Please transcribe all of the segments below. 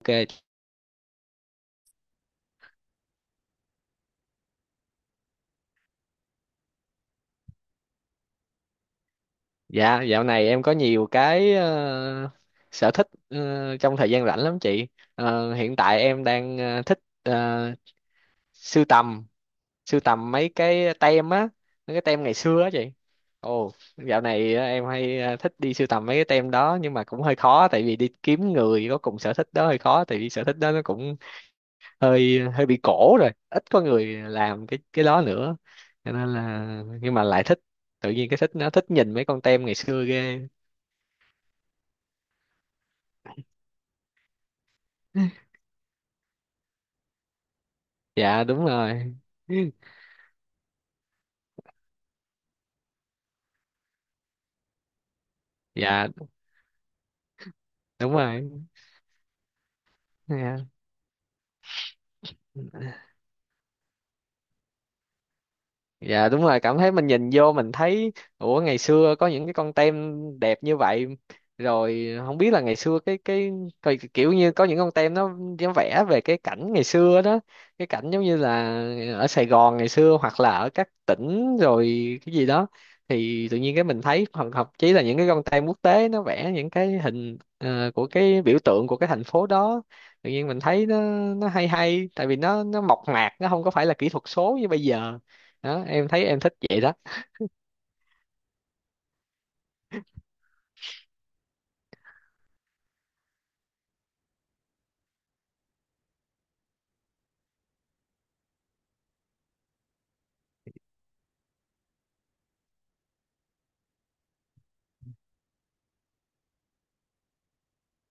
Ok. Dạ, dạo này em có nhiều cái sở thích trong thời gian rảnh lắm chị. Hiện tại em đang thích sưu tầm, sưu tầm mấy cái tem á, mấy cái tem ngày xưa á chị. Ồ, dạo này em hay thích đi sưu tầm mấy cái tem đó, nhưng mà cũng hơi khó tại vì đi kiếm người có cùng sở thích đó hơi khó, tại vì sở thích đó nó cũng hơi hơi bị cổ rồi, ít có người làm cái đó nữa. Cho nên là nhưng mà lại thích, tự nhiên cái thích nó thích nhìn mấy con tem ngày xưa ghê. Dạ đúng rồi. Dạ đúng rồi. Dạ. Dạ đúng rồi, cảm thấy mình nhìn vô mình thấy ủa ngày xưa có những cái con tem đẹp như vậy, rồi không biết là ngày xưa cái coi kiểu như có những con tem nó vẽ về cái cảnh ngày xưa đó, cái cảnh giống như là ở Sài Gòn ngày xưa hoặc là ở các tỉnh rồi cái gì đó, thì tự nhiên cái mình thấy hoặc thậm chí là những cái con tem quốc tế nó vẽ những cái hình của cái biểu tượng của cái thành phố đó, tự nhiên mình thấy nó hay hay tại vì nó mộc mạc, nó không có phải là kỹ thuật số như bây giờ. Đó em thấy em thích vậy đó.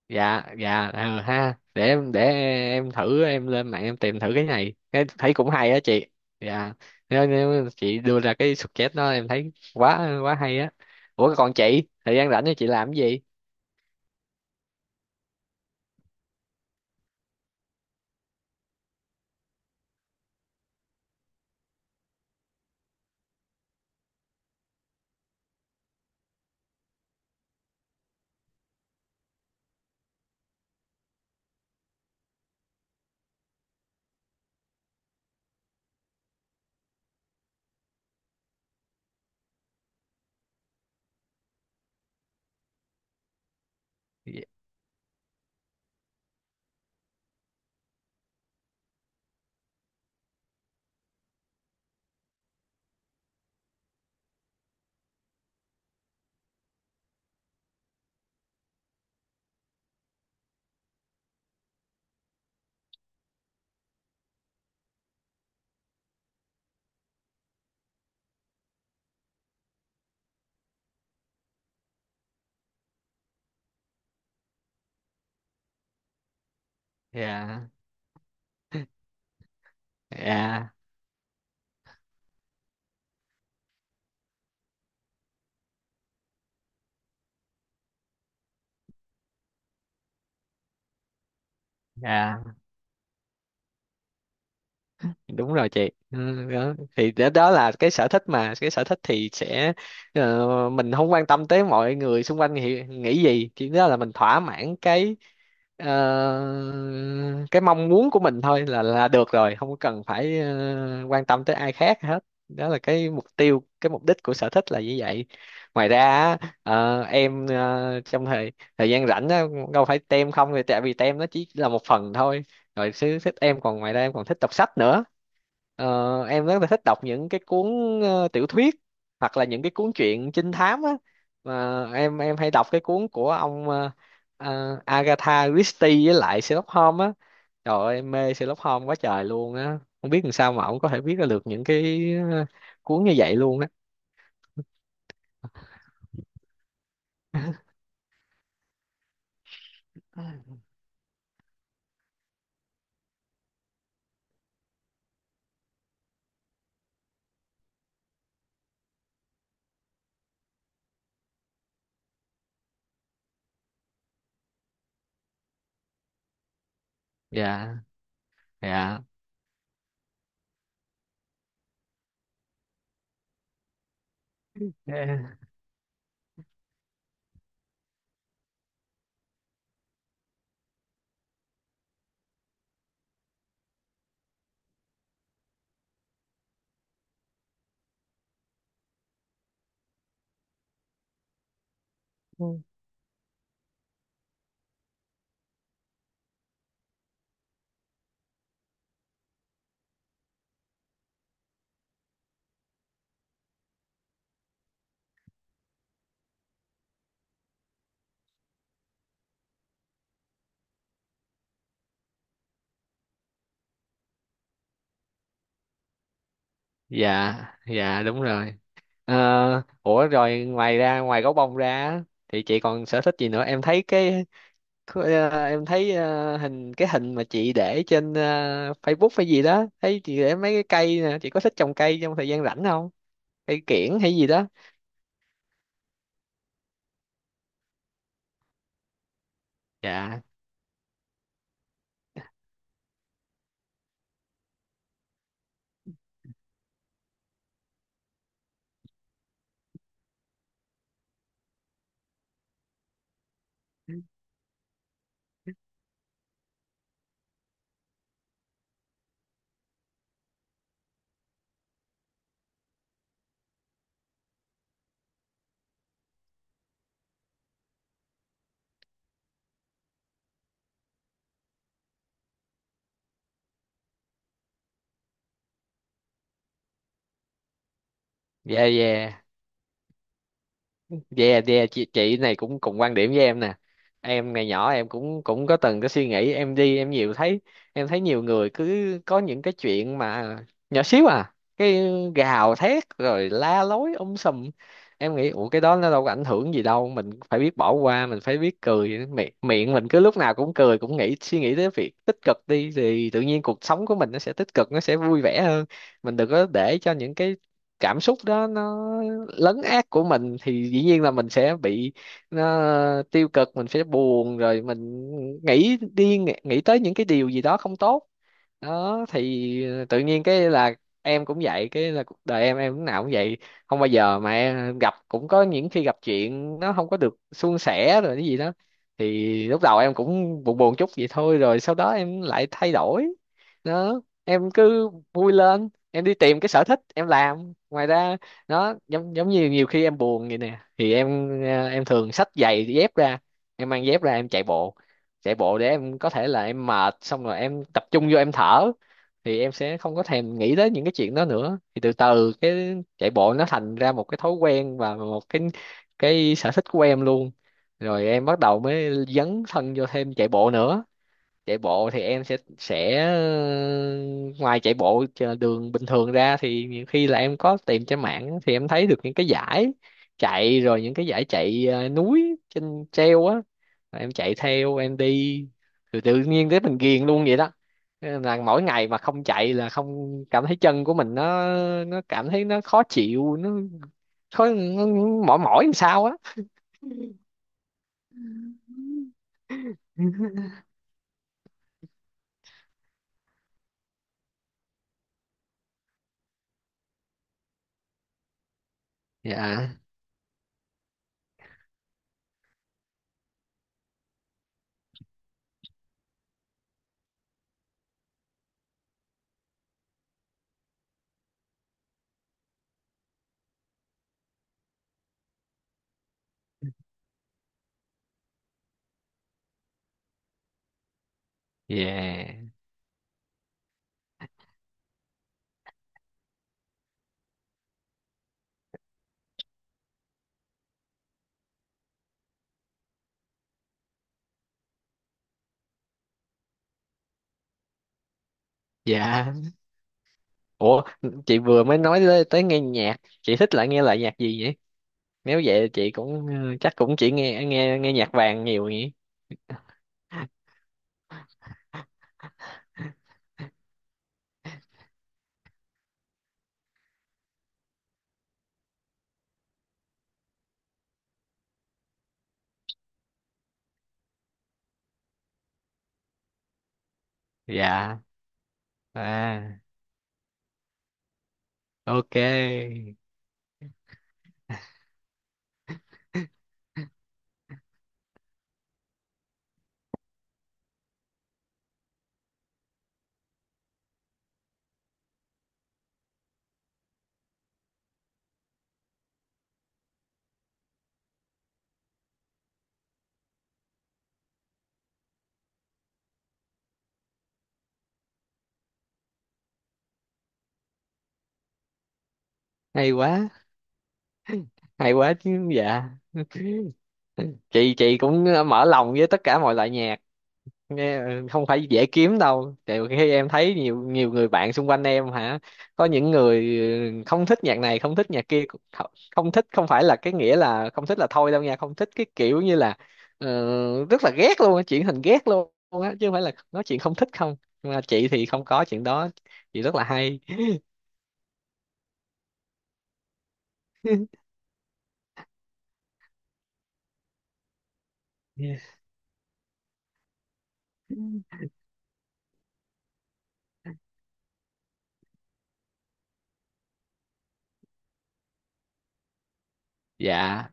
Dạ dạ, ờ ha, để em thử em lên mạng em tìm thử cái này cái thấy cũng hay á chị. Dạ, nếu chị đưa ra cái suggest đó em thấy quá quá hay á. Ủa còn chị thời gian rảnh thì chị làm cái gì? Dạ. Dạ. Dạ đúng rồi chị. Ừ, đó. Thì đó, đó là cái sở thích, mà cái sở thích thì sẽ mình không quan tâm tới mọi người xung quanh nghĩ gì, chỉ đó là mình thỏa mãn cái ờ, cái mong muốn của mình thôi là được rồi, không cần phải quan tâm tới ai khác hết. Đó là cái mục tiêu cái mục đích của sở thích là như vậy. Ngoài ra á, em trong thời thời gian rảnh á, đâu phải tem không, thì tại vì tem nó chỉ là một phần thôi, rồi sở thích em còn ngoài ra em còn thích đọc sách nữa. Ờ, em rất là thích đọc những cái cuốn tiểu thuyết hoặc là những cái cuốn truyện trinh thám á, mà em hay đọc cái cuốn của ông Agatha Christie với lại Sherlock Holmes á. Trời ơi em mê Sherlock Holmes quá trời luôn á, không biết làm sao mà ông có thể viết ra được những cái ờ, cuốn như vậy luôn á. Dạ. Dạ. Ừ. Dạ. Dạ đúng rồi. Ờ, ủa rồi ngoài ra ngoài gấu bông ra á, thì chị còn sở thích gì nữa em thấy cái. Thôi, à, em thấy à, hình cái hình mà chị để trên à, Facebook hay gì đó thấy chị để mấy cái cây nè, chị có thích trồng cây trong thời gian rảnh không? Cây kiểng hay gì đó. Dạ. Dạ. Dạ. Yeah, yeah, chị này cũng cùng quan điểm với em nè. Em ngày nhỏ em cũng cũng có từng cái suy nghĩ em đi em nhiều thấy, em thấy nhiều người cứ có những cái chuyện mà nhỏ xíu à, cái gào thét rồi la lối sùm. Em nghĩ ủa cái đó nó đâu có ảnh hưởng gì đâu, mình phải biết bỏ qua, mình phải biết cười, miệng miệng mình cứ lúc nào cũng cười, cũng nghĩ suy nghĩ tới việc tích cực đi thì tự nhiên cuộc sống của mình nó sẽ tích cực, nó sẽ vui vẻ hơn. Mình đừng có để cho những cái cảm xúc đó nó lấn át của mình thì dĩ nhiên là mình sẽ bị nó tiêu cực, mình sẽ buồn, rồi mình nghĩ đi nghĩ tới những cái điều gì đó không tốt. Đó thì tự nhiên cái là em cũng vậy, cái là cuộc đời em lúc nào cũng vậy, không bao giờ mà em gặp, cũng có những khi gặp chuyện nó không có được suôn sẻ rồi cái gì đó, thì lúc đầu em cũng buồn buồn chút vậy thôi, rồi sau đó em lại thay đổi. Đó em cứ vui lên em đi tìm cái sở thích em làm ngoài ra, nó giống giống như nhiều khi em buồn vậy nè thì em em thường xách giày dép ra, em mang dép ra em chạy bộ. Chạy bộ để em có thể là em mệt xong rồi em tập trung vô em thở, thì em sẽ không có thèm nghĩ tới những cái chuyện đó nữa, thì từ từ cái chạy bộ nó thành ra một cái thói quen và một cái sở thích của em luôn. Rồi em bắt đầu mới dấn thân vô thêm chạy bộ nữa. Chạy bộ thì em sẽ ngoài chạy bộ trên đường bình thường ra thì nhiều khi là em có tìm trên mạng thì em thấy được những cái giải chạy, rồi những cái giải chạy núi trên treo á. Rồi em chạy theo em đi, từ tự nhiên tới mình ghiền luôn vậy đó. Thế nên là mỗi ngày mà không chạy là không cảm thấy chân của mình nó cảm thấy nó khó chịu, nó khó, nó mỏi mỏi làm sao á. Dạ. Dạ. Dạ. Ủa, chị vừa mới nói tới, tới nghe nhạc, chị thích lại nghe lại nhạc gì vậy? Nếu vậy chị cũng ừ, chắc cũng chỉ nghe nghe nghe nhạc vàng nhiều nhỉ? Dạ. À, ok. Hay quá, hay quá chứ dạ. Chị cũng mở lòng với tất cả mọi loại nhạc. Nghe không phải dễ kiếm đâu, tại khi em thấy nhiều nhiều người bạn xung quanh em hả, có những người ừ, không thích nhạc này không thích nhạc kia, không không thích không phải là cái nghĩa là không thích là thôi đâu nha, không thích cái kiểu như là ờ, rất là ghét luôn á, chuyển thành ghét luôn á, chứ không phải là nói chuyện không thích không. Nhưng mà chị thì không có chuyện đó, chị rất là hay. Yeah. Dạ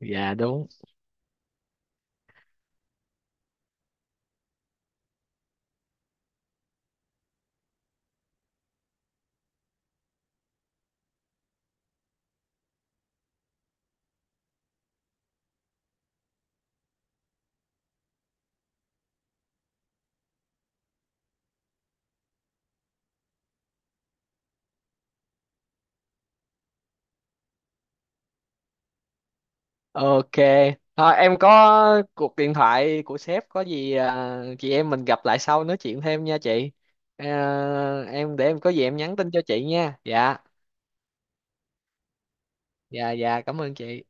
dạ đúng. Ok, thôi em có cuộc điện thoại của sếp, có gì à, chị em mình gặp lại sau nói chuyện thêm nha chị. À, em để em có gì em nhắn tin cho chị nha. Dạ, dạ dạ cảm ơn chị.